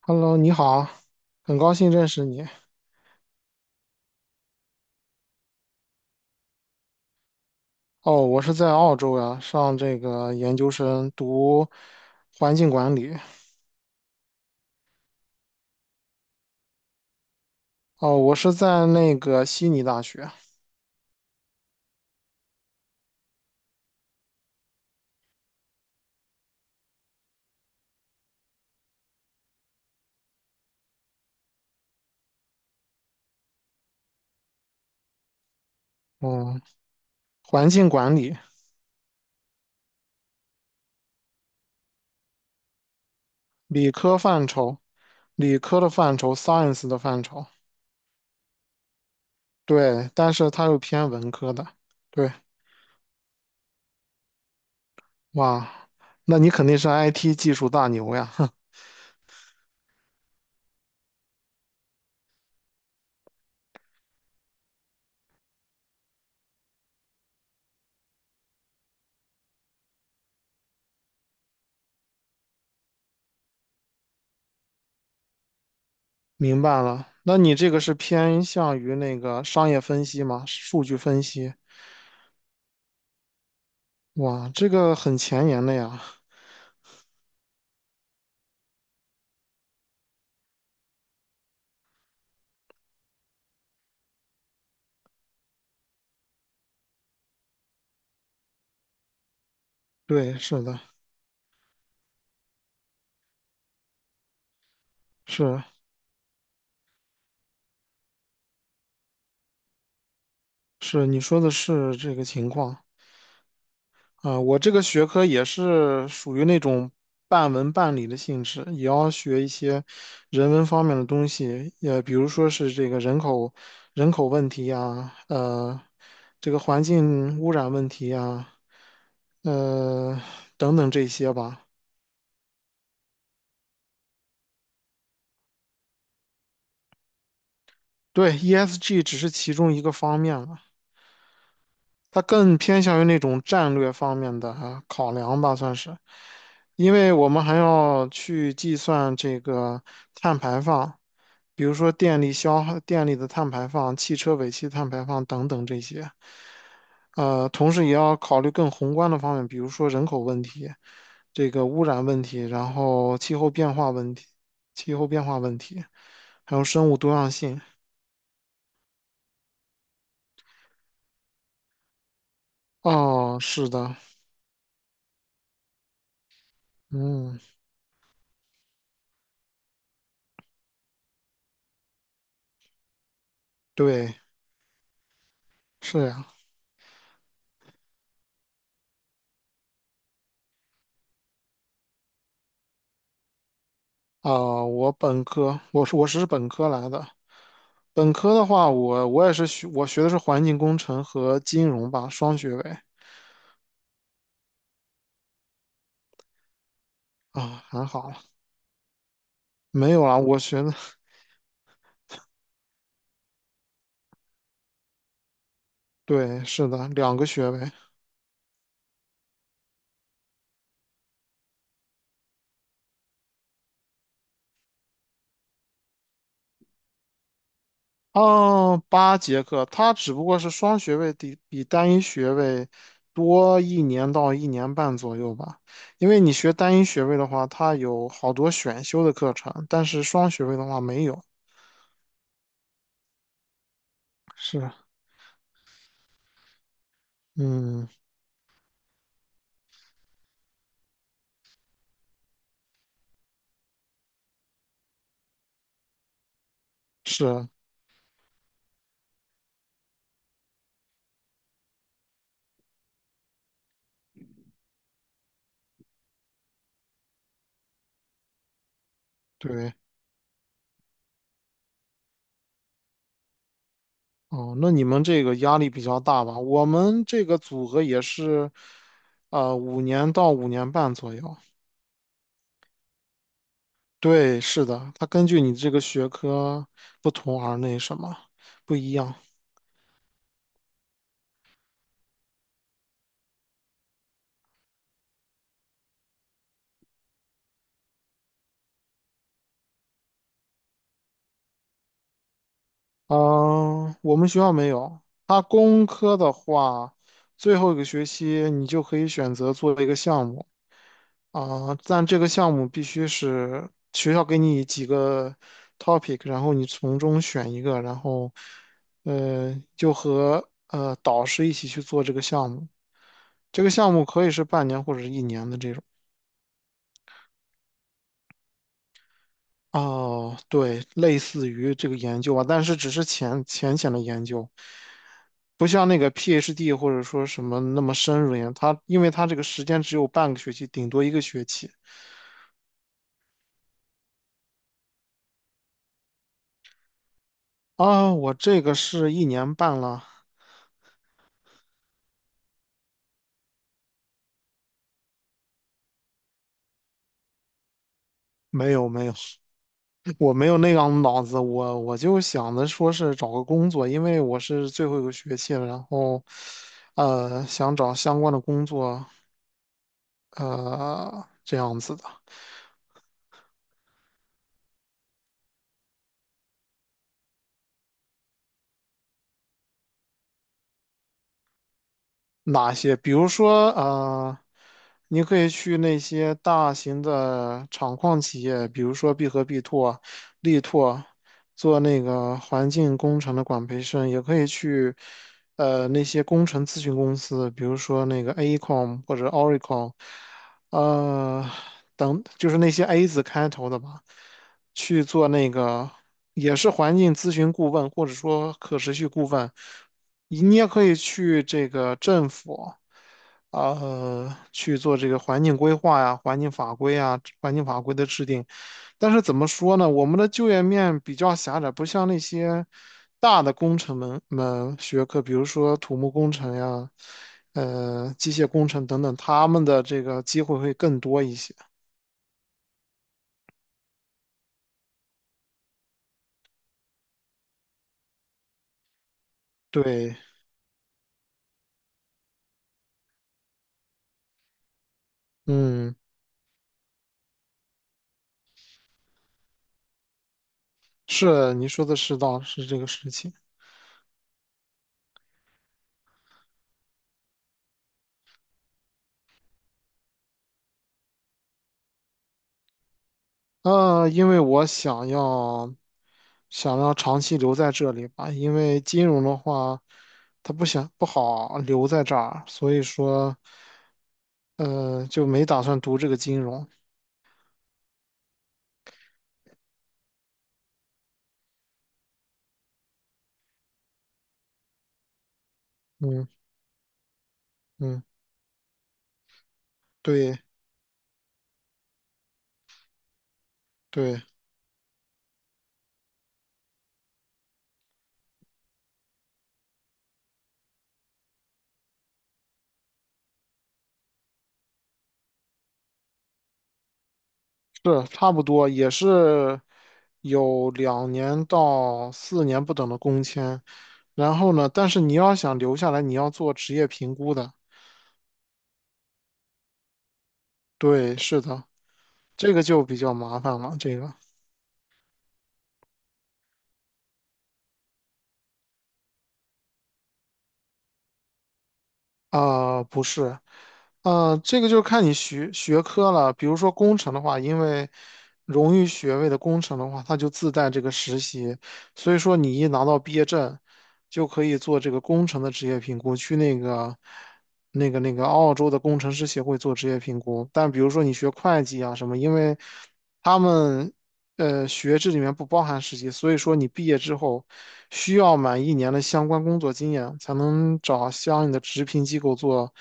Hello，你好，很高兴认识你。哦，我是在澳洲呀，上这个研究生读环境管理。哦，我是在那个悉尼大学。嗯，环境管理。理科范畴，理科的范畴，science 的范畴。对，但是它又偏文科的。对，哇，那你肯定是 IT 技术大牛呀，明白了。那你这个是偏向于那个商业分析吗？数据分析？哇，这个很前沿的呀。对，是的，是是，你说的是这个情况。啊，我这个学科也是属于那种半文半理的性质，也要学一些人文方面的东西，也比如说是这个人口问题呀，这个环境污染问题呀，呃，等等这些吧。对，ESG 只是其中一个方面了，它更偏向于那种战略方面的啊考量吧，算是。因为我们还要去计算这个碳排放，比如说电力消耗、电力的碳排放、汽车尾气碳排放等等这些。同时也要考虑更宏观的方面，比如说人口问题、这个污染问题，然后气候变化问题、气候变化问题，还有生物多样性。哦，是的。嗯，对，是呀。啊、我本科，我是本科来的。本科的话，我也是学，我学的是环境工程和金融吧，双学位。啊，还好。没有啊，我学的，对，是的，两个学位。哦，8节课，它只不过是双学位比单一学位多1年到1年半左右吧，因为你学单一学位的话，它有好多选修的课程，但是双学位的话没有。是，嗯，是。对，哦，那你们这个压力比较大吧？我们这个组合也是，5年到5年半左右。对，是的，它根据你这个学科不同而那什么不一样。嗯、我们学校没有。它工科的话，最后一个学期你就可以选择做一个项目。啊，但这个项目必须是学校给你几个 topic，然后你从中选一个，然后就和导师一起去做这个项目。这个项目可以是半年或者是一年的这种。哦，对，类似于这个研究吧，但是只是浅的研究，不像那个 PhD 或者说什么那么深入研。它因为它这个时间只有半个学期，顶多一个学期。啊，我这个是一年半了。没有没有。我没有那样的脑子，我就想着说是找个工作，因为我是最后一个学期了，然后，想找相关的工作，这样子的。哪些？比如说，你可以去那些大型的厂矿企业，比如说必和必拓、力拓，做那个环境工程的管培生，也可以去，那些工程咨询公司，比如说那个 AECOM 或者 Oracle。呃，等就是那些 A 字开头的吧，去做那个也是环境咨询顾问，或者说可持续顾问。你也可以去这个政府。去做这个环境规划呀、环境法规啊、环境法规的制定。但是怎么说呢？我们的就业面比较狭窄，不像那些大的工程门学科，比如说土木工程呀、机械工程等等，他们的这个机会会更多一些。对，嗯，是你说的是道，是这个事情。因为我想要长期留在这里吧，因为金融的话，他不想不好留在这儿，所以说，就没打算读这个金融。嗯嗯，对对，是差不多，也是有2年到4年不等的工签。然后呢，但是你要想留下来，你要做职业评估的。对，是的，这个就比较麻烦了，这个。不是。这个就是看你学科了。比如说工程的话，因为荣誉学位的工程的话，它就自带这个实习，所以说你一拿到毕业证，就可以做这个工程的职业评估，去那个澳洲的工程师协会做职业评估。但比如说你学会计啊什么，因为他们学制里面不包含实习，所以说你毕业之后需要满一年的相关工作经验，才能找相应的职评机构做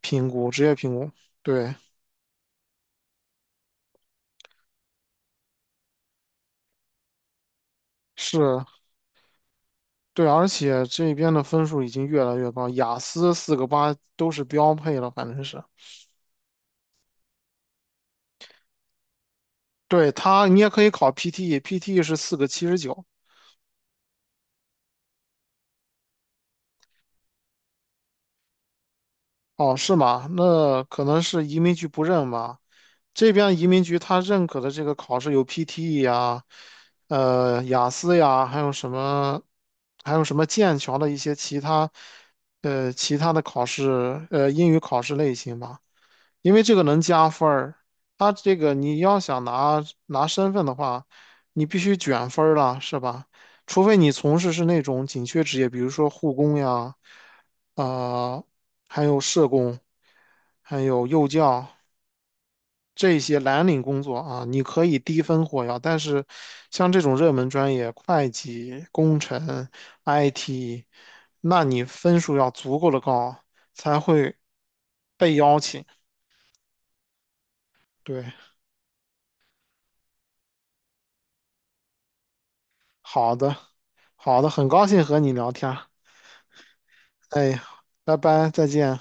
评估，职业评估。对，是，对，而且这边的分数已经越来越高，雅思四个八都是标配了，反正是。对，它，你也可以考 PTE，PTE 是四个七十九。哦，是吗？那可能是移民局不认吧。这边移民局他认可的这个考试有 PTE 呀，雅思呀，还有什么，还有什么剑桥的一些其他，其他的考试，英语考试类型吧。因为这个能加分儿，他这个你要想拿身份的话，你必须卷分儿了，是吧？除非你从事是那种紧缺职业，比如说护工呀，啊、还有社工，还有幼教。这些蓝领工作啊，你可以低分获邀，但是像这种热门专业，会计、工程、IT，那你分数要足够的高，才会被邀请。对，好的，好的，很高兴和你聊天儿，哎，拜拜，再见。